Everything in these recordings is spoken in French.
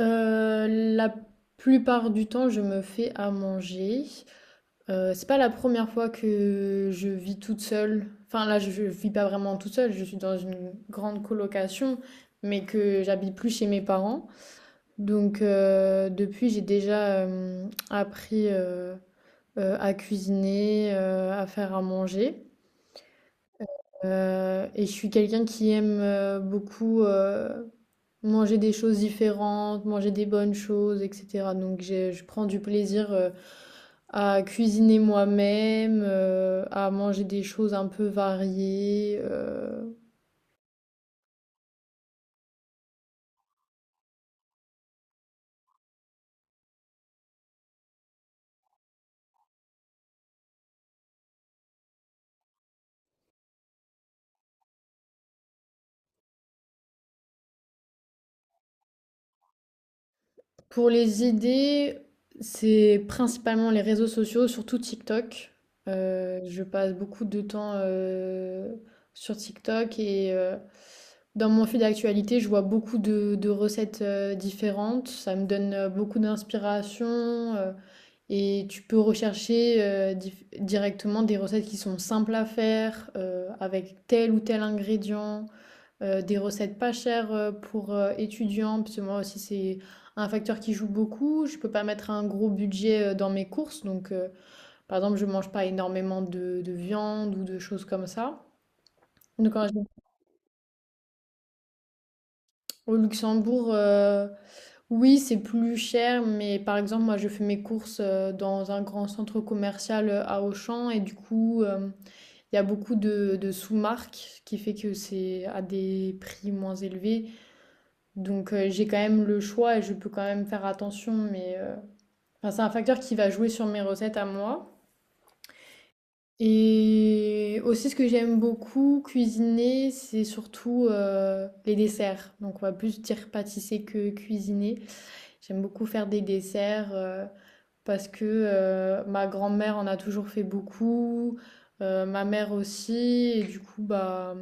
Euh, la plupart du temps, je me fais à manger. C'est pas la première fois que je vis toute seule. Enfin, là, je vis pas vraiment toute seule. Je suis dans une grande colocation, mais que j'habite plus chez mes parents. Donc, depuis, j'ai déjà appris à cuisiner, à faire à manger. Et je suis quelqu'un qui aime beaucoup manger des choses différentes, manger des bonnes choses, etc. Donc je prends du plaisir à cuisiner moi-même, à manger des choses un peu variées. Pour les idées, c'est principalement les réseaux sociaux, surtout TikTok. Je passe beaucoup de temps sur TikTok et dans mon fil d'actualité, je vois beaucoup de recettes différentes. Ça me donne beaucoup d'inspiration. euh, Et tu peux rechercher directement des recettes qui sont simples à faire, avec tel ou tel ingrédient, des recettes pas chères pour étudiants, parce que moi aussi c'est un facteur qui joue beaucoup. Je peux pas mettre un gros budget dans mes courses, donc par exemple je mange pas énormément de viande ou de choses comme ça. Donc en général, au Luxembourg, oui c'est plus cher, mais par exemple moi je fais mes courses dans un grand centre commercial à Auchan et du coup. Il y a beaucoup de sous-marques, ce qui fait que c'est à des prix moins élevés. Donc j'ai quand même le choix et je peux quand même faire attention, mais enfin, c'est un facteur qui va jouer sur mes recettes à moi. Et aussi ce que j'aime beaucoup cuisiner, c'est surtout les desserts. Donc on va plus dire pâtisser que cuisiner. J'aime beaucoup faire des desserts. Parce que ma grand-mère en a toujours fait beaucoup, ma mère aussi, et du coup, bah,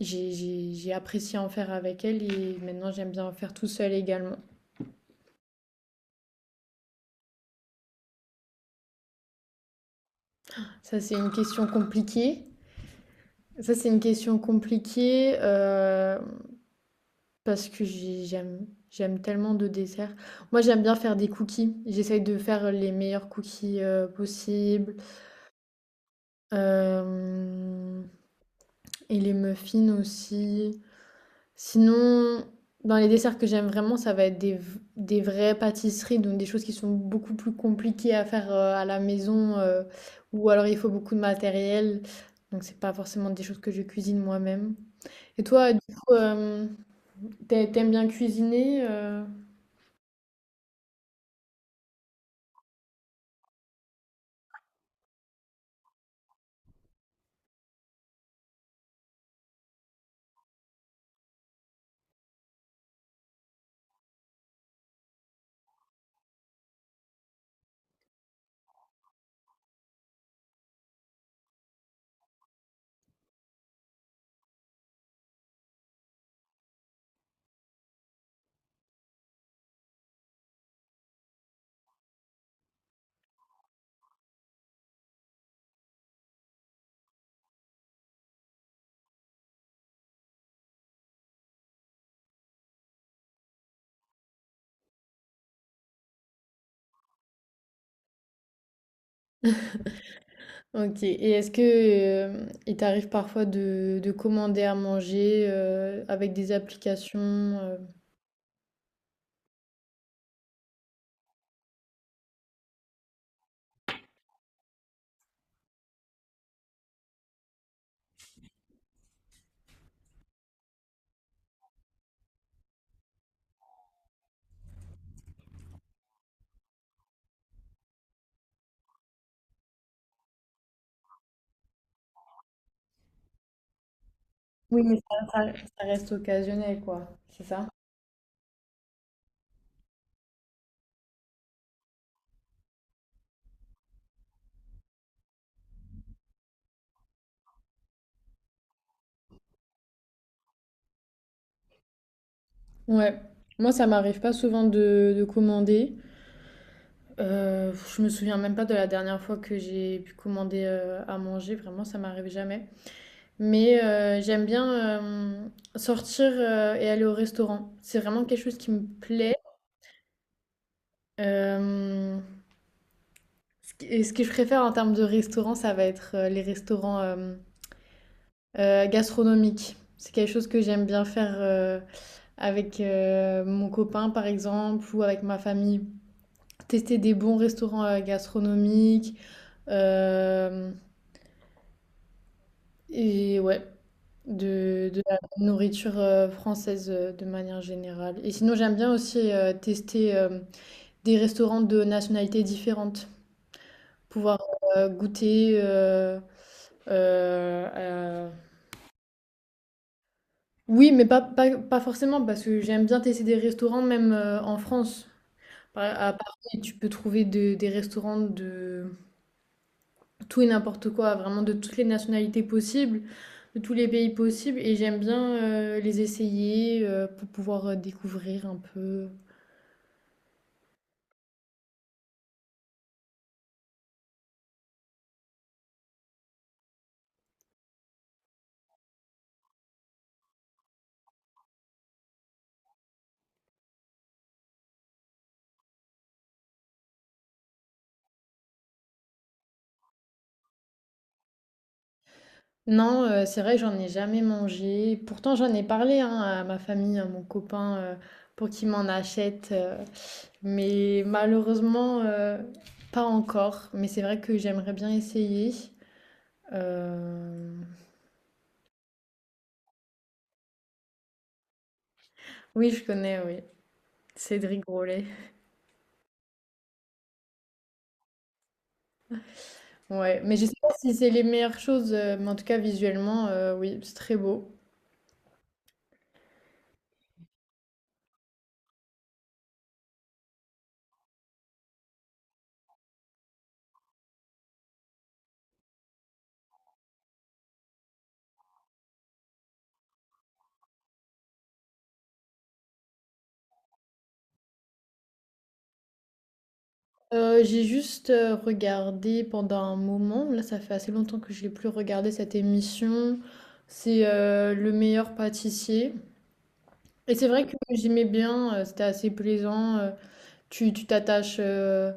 j'ai apprécié en faire avec elle et maintenant j'aime bien en faire tout seul également. Ça, c'est une question compliquée. Ça, c'est une question compliquée parce que j'aime tellement de desserts. Moi, j'aime bien faire des cookies. J'essaye de faire les meilleurs cookies possibles. Euh, et les muffins aussi. Sinon, dans les desserts que j'aime vraiment, ça va être des vraies pâtisseries, donc des choses qui sont beaucoup plus compliquées à faire à la maison, ou alors il faut beaucoup de matériel. Donc c'est pas forcément des choses que je cuisine moi-même. Et toi, du coup, t'aimes bien cuisiner? Ok. Et est-ce que il t'arrive parfois de commander à manger avec des applications oui, mais ça, ça reste occasionnel, quoi. C'est ça? Ouais, moi ça m'arrive pas souvent de commander. Je me souviens même pas de la dernière fois que j'ai pu commander à manger, vraiment ça m'arrive jamais. Mais j'aime bien euh, sortir et aller au restaurant. C'est vraiment quelque chose qui me plaît. Euh, ce et ce que je préfère en termes de restaurant, ça va être les restaurants gastronomiques. C'est quelque chose que j'aime bien faire avec mon copain par exemple ou avec ma famille. Tester des bons restaurants gastronomiques euh, et ouais, de la nourriture française de manière générale. Et sinon, j'aime bien aussi tester des restaurants de nationalités différentes, pouvoir goûter. euh, euh, Oui, mais pas forcément, parce que j'aime bien tester des restaurants même en France. À Paris, tu peux trouver des restaurants de tout et n'importe quoi, vraiment de toutes les nationalités possibles, de tous les pays possibles et j'aime bien les essayer pour pouvoir découvrir un peu. Non, c'est vrai que j'en ai jamais mangé. Pourtant, j'en ai parlé hein, à ma famille, à mon copain, pour qu'il m'en achète. Mais malheureusement, pas encore. Mais c'est vrai que j'aimerais bien essayer. Euh, Oui, je connais, oui. Cédric Grolet. Ouais, mais je sais pas si c'est les meilleures choses, mais en tout cas, visuellement, oui, c'est très beau. J'ai juste regardé pendant un moment, là ça fait assez longtemps que je n'ai plus regardé cette émission, c'est Le Meilleur Pâtissier. Et c'est vrai que j'aimais bien, c'était assez plaisant, tu t'attaches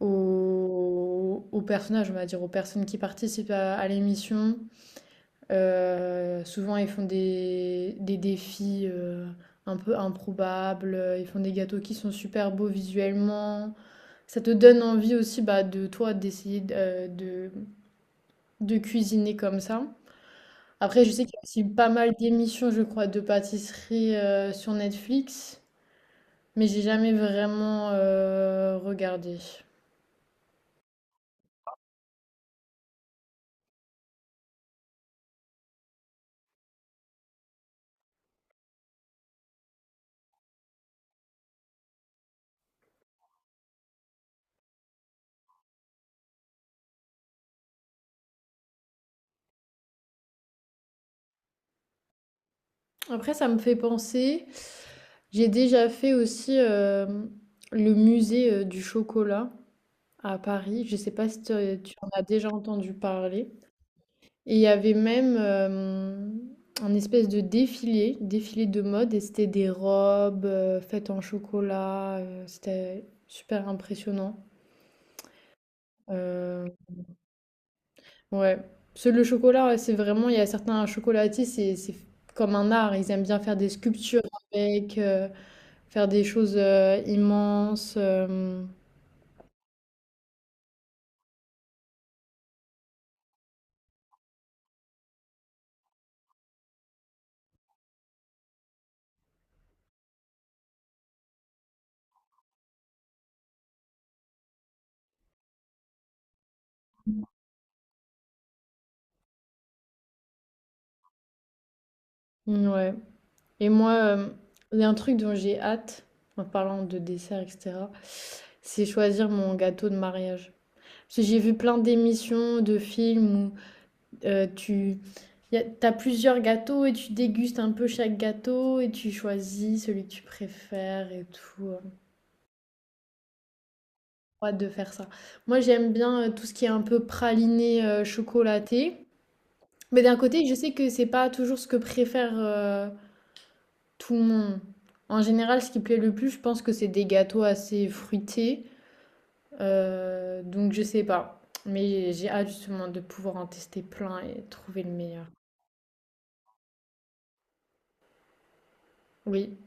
aux personnages, on va dire, aux personnes qui participent à l'émission. Souvent ils font des défis un peu improbables, ils font des gâteaux qui sont super beaux visuellement. Ça te donne envie aussi bah, de toi de cuisiner comme ça. Après, je sais qu'il y a aussi pas mal d'émissions, je crois, de pâtisserie sur Netflix, mais j'ai jamais vraiment regardé. Après, ça me fait penser, j'ai déjà fait aussi le musée du chocolat à Paris. Je sais pas si tu en as déjà entendu parler. Et il y avait même un espèce de défilé de mode et c'était des robes, faites en chocolat, c'était super impressionnant. Heu, ouais. Parce que le chocolat, ouais, c'est vraiment il y a certains chocolatiers, c'est comme un art, ils aiment bien faire des sculptures avec, faire des choses, immenses, mmh, ouais. Et moi, il y a un truc dont j'ai hâte, en parlant de dessert et cetera, c'est choisir mon gâteau de mariage. Parce que j'ai vu plein d'émissions, de films où tu t'as plusieurs gâteaux et tu dégustes un peu chaque gâteau et tu choisis celui que tu préfères et tout. Trop hâte de faire ça. Moi, j'aime bien tout ce qui est un peu praliné chocolaté. Mais d'un côté, je sais que c'est pas toujours ce que préfère tout le monde. En général, ce qui plaît le plus, je pense que c'est des gâteaux assez fruités. Donc, je sais pas. Mais j'ai hâte justement de pouvoir en tester plein et trouver le meilleur. Oui.